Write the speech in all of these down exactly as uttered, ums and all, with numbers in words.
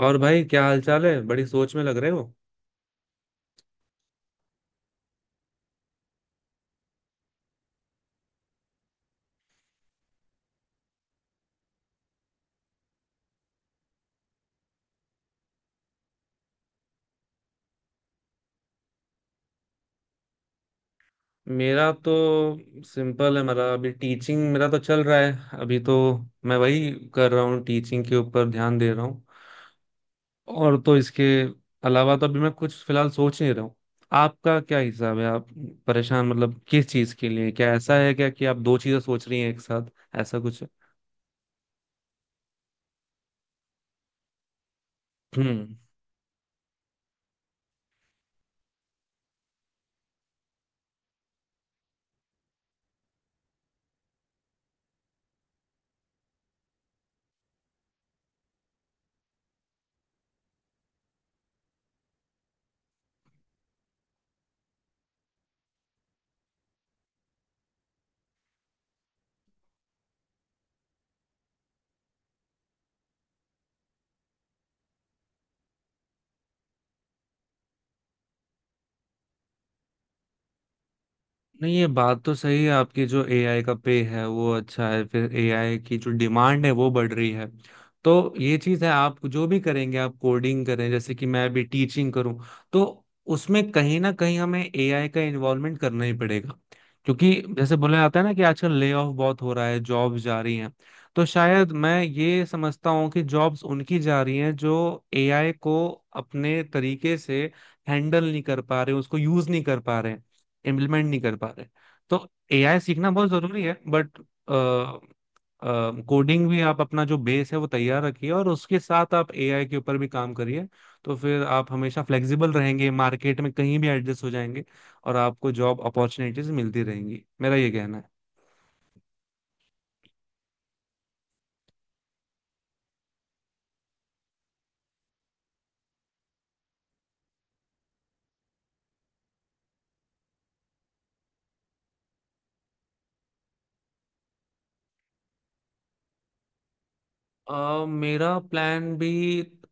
और भाई क्या हाल चाल है, बड़ी सोच में लग रहे हो। मेरा तो सिंपल है, मेरा अभी टीचिंग मेरा तो चल रहा है अभी तो। मैं वही कर रहा हूँ, टीचिंग के ऊपर ध्यान दे रहा हूँ। और तो इसके अलावा तो अभी मैं कुछ फिलहाल सोच नहीं रहा हूँ। आपका क्या हिसाब है? आप परेशान मतलब किस चीज़ के लिए? क्या ऐसा है क्या कि आप दो चीज़ें सोच रही हैं एक साथ? ऐसा कुछ है? हम्म, नहीं ये बात तो सही है आपकी, जो एआई का पे है वो अच्छा है, फिर एआई की जो डिमांड है वो बढ़ रही है। तो ये चीज़ है, आप जो भी करेंगे, आप कोडिंग करें जैसे कि मैं अभी टीचिंग करूं, तो उसमें कहीं ना कहीं हमें एआई का इन्वॉल्वमेंट करना ही पड़ेगा। क्योंकि जैसे बोला जाता है ना कि आजकल ले ऑफ बहुत हो रहा है, जॉब जा रही हैं। तो शायद मैं ये समझता हूँ कि जॉब्स उनकी जा रही हैं जो एआई को अपने तरीके से हैंडल नहीं कर पा रहे, उसको यूज नहीं कर पा रहे, इम्प्लीमेंट नहीं कर पा रहे। तो एआई सीखना बहुत जरूरी है, बट कोडिंग भी आप अपना जो बेस है वो तैयार रखिए, और उसके साथ आप एआई के ऊपर भी काम करिए। तो फिर आप हमेशा फ्लेक्सिबल रहेंगे, मार्केट में कहीं भी एडजस्ट हो जाएंगे, और आपको जॉब अपॉर्चुनिटीज मिलती रहेंगी। मेरा ये कहना है। अ, मेरा प्लान भी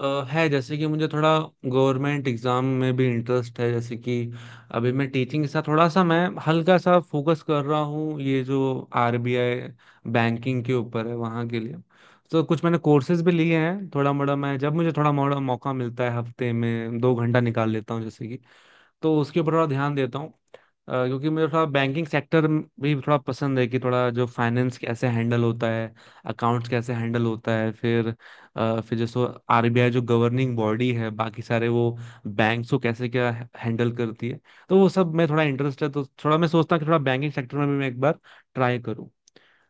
अ, है, जैसे कि मुझे थोड़ा गवर्नमेंट एग्जाम में भी इंटरेस्ट है। जैसे कि अभी मैं टीचिंग के साथ थोड़ा सा मैं हल्का सा फोकस कर रहा हूँ, ये जो आरबीआई बैंकिंग के ऊपर है वहाँ के लिए। तो कुछ मैंने कोर्सेज भी लिए हैं थोड़ा मोड़ा, मैं जब मुझे थोड़ा मोड़ा मौका मिलता है हफ्ते में दो घंटा निकाल लेता हूँ, जैसे कि। तो उसके ऊपर थोड़ा ध्यान देता हूँ। अ, क्योंकि मुझे थोड़ा बैंकिंग सेक्टर भी थोड़ा पसंद है कि थोड़ा जो फाइनेंस कैसे हैंडल होता है, अकाउंट्स कैसे हैंडल होता है। फिर अ, फिर जैसे आरबीआई जो गवर्निंग बॉडी है, बाकी सारे वो बैंक्स को कैसे क्या हैंडल करती है, तो वो सब में थोड़ा इंटरेस्ट है। तो थोड़ा मैं सोचता हूँ कि थोड़ा बैंकिंग सेक्टर में भी मैं एक बार ट्राई करूँ।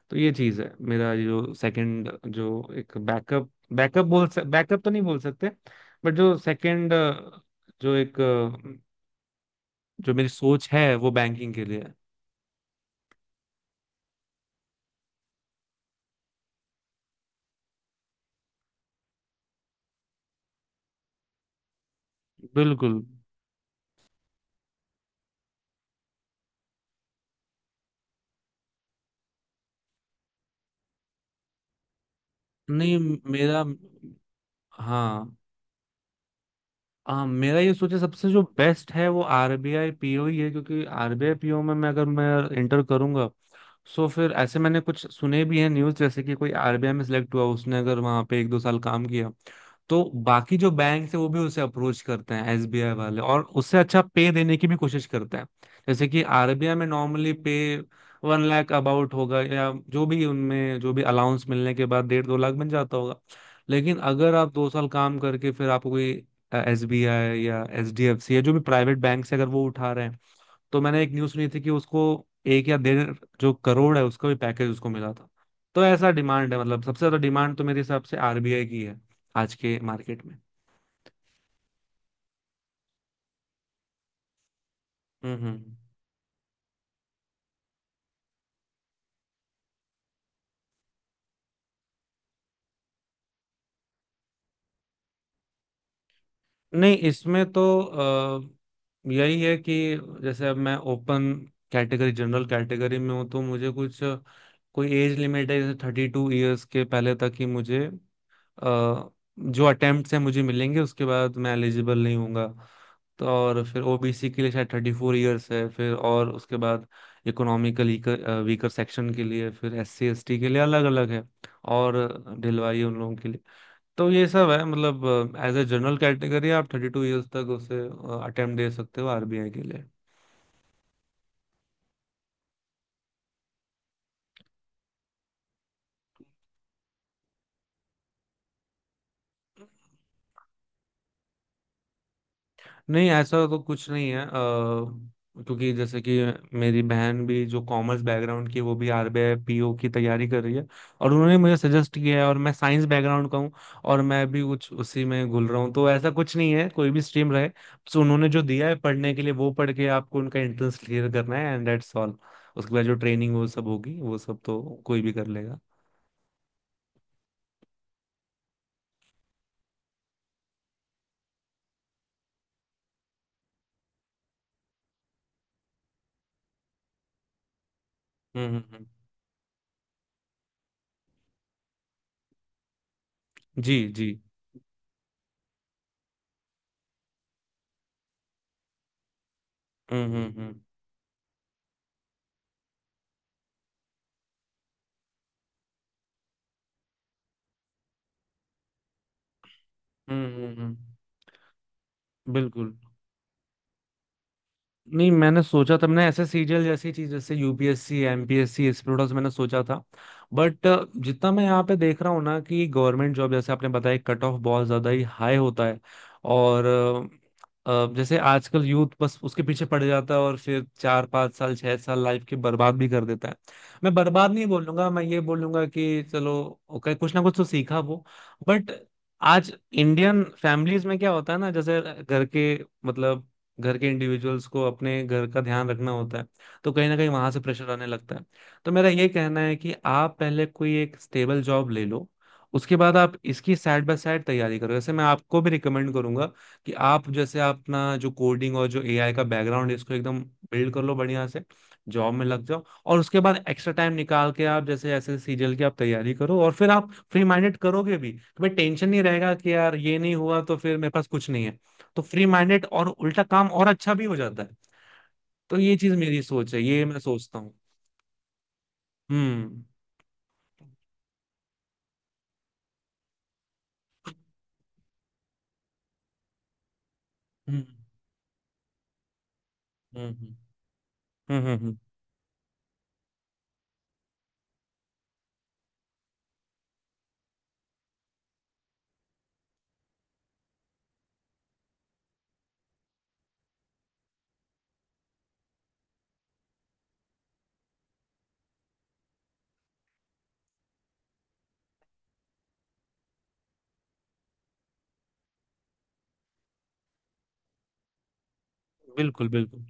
तो ये चीज़ है, मेरा जो सेकंड जो एक बैकअप, बैकअप बोल, बैकअप तो नहीं बोल सकते बट जो सेकंड जो एक जो मेरी सोच है वो बैंकिंग के लिए। बिल्कुल नहीं, मेरा हाँ। आ, मेरा ये सोचे सबसे जो बेस्ट है वो आरबीआई पीओ ही है, क्योंकि आरबीआई पीओ में मैं, अगर मैं इंटर करूंगा, सो फिर ऐसे मैंने कुछ सुने भी हैं न्यूज़, जैसे कि कोई आरबीआई में सिलेक्ट हुआ, उसने अगर वहां पे एक दो साल काम किया, तो बाकी जो बैंक है वो भी उसे अप्रोच करते हैं, एसबीआई वाले, और उससे अच्छा पे देने की भी कोशिश करते हैं। जैसे कि आरबीआई में नॉर्मली पे वन लाख अबाउट होगा, या जो भी उनमें जो भी अलाउंस मिलने के बाद डेढ़ दो लाख बन जाता होगा। लेकिन अगर आप दो साल काम करके फिर आपको कोई एस बी आई या एच डी एफ सी या जो भी प्राइवेट बैंक से अगर वो उठा रहे हैं, तो मैंने एक न्यूज़ सुनी थी कि उसको एक या डेढ़ जो करोड़ है उसका भी पैकेज उसको मिला था। तो ऐसा डिमांड है, मतलब सबसे ज्यादा डिमांड तो मेरे हिसाब से आरबीआई की है आज के मार्केट में। हम्म हम्म। नहीं, इसमें तो अ, यही है कि जैसे अब मैं ओपन कैटेगरी, जनरल कैटेगरी में हूँ, तो मुझे कुछ कोई एज लिमिट है, जैसे थर्टी टू ईयर्स के पहले तक ही मुझे अ, जो अटेम्प्ट हैं मुझे मिलेंगे, उसके बाद मैं एलिजिबल नहीं होऊंगा। तो और फिर ओबीसी के लिए शायद थर्टी फोर ईयर्स है, फिर और उसके बाद इकोनॉमिकल वीकर सेक्शन के लिए, फिर एस सी एस टी के लिए अलग अलग है और ढलवाई उन लोगों के लिए। तो ये सब है, मतलब एज ए जनरल कैटेगरी आप थर्टी टू ईयर्स तक उसे अटेम्प्ट दे सकते हो आरबीआई के लिए। नहीं ऐसा तो कुछ नहीं है। अ, क्योंकि जैसे कि मेरी बहन भी जो कॉमर्स बैकग्राउंड की है, वो भी आरबीआई पीओ की तैयारी कर रही है, और उन्होंने मुझे सजेस्ट किया है। और मैं साइंस बैकग्राउंड का हूँ और मैं भी कुछ उसी में घुल रहा हूँ, तो ऐसा कुछ नहीं है, कोई भी स्ट्रीम रहे। सो उन्होंने जो दिया है पढ़ने के लिए वो पढ़ के आपको उनका एंट्रेंस क्लियर करना है, एंड दैट्स ऑल। उसके बाद जो ट्रेनिंग वो सब होगी, वो सब तो कोई भी कर लेगा। हम्म हम्म हम्म। जी जी। हम्म हम्म हम्म। हम्म हम्म हम्म। बिल्कुल, नहीं मैंने सोचा था, मैंने ऐसे सीरियल जैसी चीज, जैसे यूपीएससी, एमपीएससी, इस प्रोडक्ट्स मैंने सोचा था, बट जितना मैं यहाँ पे देख रहा हूँ ना कि गवर्नमेंट जॉब, जैसे आपने बताया, कट ऑफ बहुत ज्यादा ही हाई होता है। और अ, अ, जैसे आजकल यूथ बस उसके पीछे पड़ जाता है, और फिर चार पाँच साल छह साल लाइफ की बर्बाद भी कर देता है। मैं बर्बाद नहीं बोलूंगा, मैं ये बोलूंगा कि चलो ओके, कुछ ना कुछ तो सीखा वो। बट आज इंडियन फैमिलीज में क्या होता है ना, जैसे घर के मतलब घर के इंडिविजुअल्स को अपने घर का ध्यान रखना होता है, तो कहीं ना कहीं वहां से प्रेशर आने लगता है। तो मेरा ये कहना है कि आप पहले कोई एक स्टेबल जॉब ले लो, उसके बाद आप इसकी साइड बाय साइड तैयारी करो। जैसे मैं आपको भी रिकमेंड करूंगा कि आप जैसे अपना जो कोडिंग और जो एआई का बैकग्राउंड है इसको एकदम बिल्ड कर लो बढ़िया से, जॉब में लग जाओ, और उसके बाद एक्स्ट्रा टाइम निकाल के आप जैसे ऐसे सीजल की आप तैयारी करो। और फिर आप फ्री माइंडेड करोगे भी, तुम्हें टेंशन नहीं रहेगा कि यार ये नहीं हुआ तो फिर मेरे पास कुछ नहीं है। तो फ्री माइंडेड और उल्टा काम और अच्छा भी हो जाता है। तो ये चीज मेरी सोच है, ये मैं सोचता हूँ। हम्म हम्म हम्म। हम्म हम्म, हम्म। बिल्कुल बिल्कुल।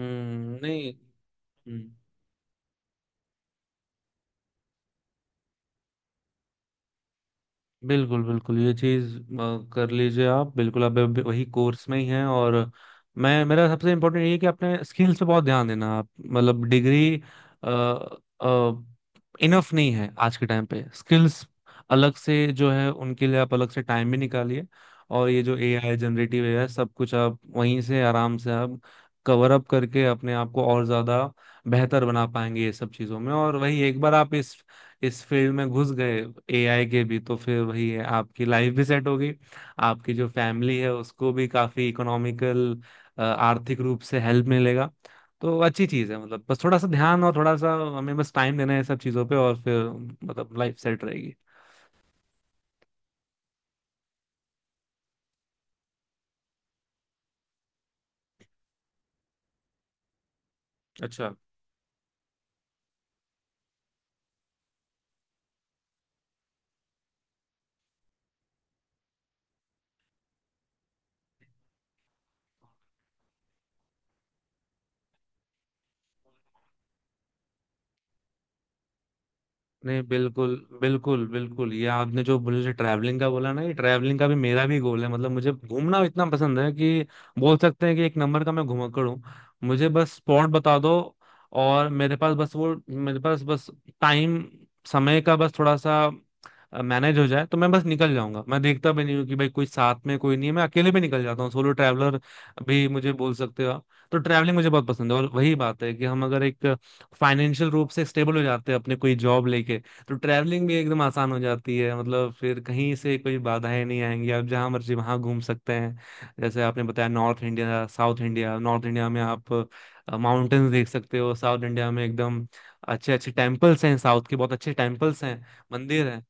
हम्म, नहीं। हम्म। बिल्कुल बिल्कुल, ये चीज कर लीजिए आप बिल्कुल। आप अभी वही कोर्स में ही हैं, और मैं मेरा सबसे इम्पोर्टेंट ये है कि अपने स्किल्स पे बहुत ध्यान देना आप, मतलब डिग्री इनफ नहीं है आज के टाइम पे। स्किल्स अलग से जो है उनके लिए आप अलग से टाइम भी निकालिए, और ये जो एआई, जनरेटिव एआई, सब कुछ आप वहीं से आराम से आप कवर अप करके अपने आप को और ज्यादा बेहतर बना पाएंगे ये सब चीजों में। और वही, एक बार आप इस इस फील्ड में घुस गए एआई के भी, तो फिर वही है, आपकी लाइफ भी सेट होगी, आपकी जो फैमिली है उसको भी काफी इकोनॉमिकल, आर्थिक रूप से हेल्प मिलेगा। तो अच्छी चीज है, मतलब बस थोड़ा सा ध्यान और थोड़ा सा हमें बस टाइम देना है सब चीजों पे, और फिर मतलब लाइफ सेट रहेगी। अच्छा। नहीं बिल्कुल बिल्कुल। बिल्कुल, ये आपने जो मुझे ट्रैवलिंग का बोला ना, ये ट्रैवलिंग का भी मेरा भी गोल है। मतलब मुझे घूमना इतना पसंद है कि बोल सकते हैं कि एक नंबर का मैं घुमक्कड़ हूँ। मुझे बस स्पॉट बता दो और मेरे पास बस वो, मेरे पास बस टाइम, समय का बस थोड़ा सा मैनेज हो जाए, तो मैं बस निकल जाऊंगा। मैं देखता भी नहीं हूँ कि भाई कोई साथ में कोई नहीं है, मैं अकेले भी निकल जाता हूँ। सोलो ट्रैवलर भी मुझे बोल सकते हो आप। तो ट्रैवलिंग मुझे बहुत पसंद है, और वही बात है कि हम अगर एक फाइनेंशियल रूप से स्टेबल हो जाते हैं अपने कोई जॉब लेके, तो ट्रैवलिंग भी एकदम आसान हो जाती है। मतलब फिर कहीं से कोई बाधाएं नहीं आएंगी, आप जहाँ मर्जी वहाँ घूम सकते हैं। जैसे आपने बताया north India, south India, north India में आप माउंटेन्स देख सकते हो, साउथ इंडिया में एकदम अच्छे अच्छे टेम्पल्स हैं, साउथ के बहुत अच्छे टेम्पल्स हैं, मंदिर हैं।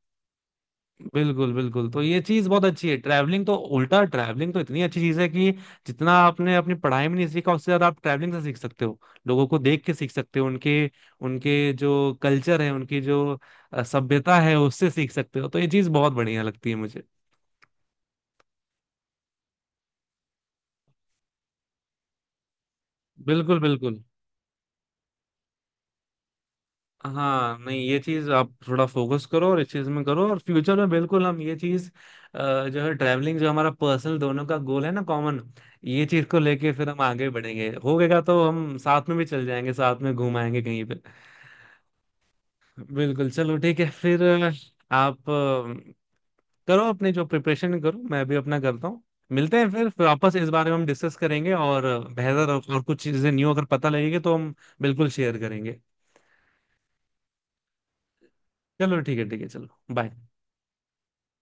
बिल्कुल बिल्कुल। तो ये चीज बहुत अच्छी है ट्रैवलिंग, तो उल्टा ट्रैवलिंग तो इतनी अच्छी चीज है कि जितना आपने अपनी पढ़ाई में नहीं सीखा उससे ज्यादा आप ट्रैवलिंग से सीख सकते हो। लोगों को देख के सीख सकते हो, उनके उनके जो कल्चर है, उनकी जो अ, सभ्यता है, उससे सीख सकते हो। तो ये चीज बहुत बढ़िया लगती है मुझे। बिल्कुल बिल्कुल। हाँ, नहीं ये चीज आप थोड़ा फोकस करो, और इस चीज में करो, और फ्यूचर में बिल्कुल हम ये चीज अ, जो है ट्रैवलिंग, जो हमारा पर्सनल दोनों का गोल है ना, कॉमन, ये चीज को लेके फिर हम आगे बढ़ेंगे, हो गएगा तो हम साथ में भी चल जाएंगे, साथ में घुमाएंगे कहीं पे। बिल्कुल चलो, ठीक है फिर। अ, आप अ, करो अपने जो प्रिपरेशन करो, मैं भी अपना करता हूँ। मिलते हैं फिर फिर वापस इस बारे में हम डिस्कस करेंगे, और अ, बेहतर और और कुछ चीजें न्यू अगर पता लगेगी तो हम बिल्कुल शेयर करेंगे। चलो ठीक है, ठीक है चलो। बाय।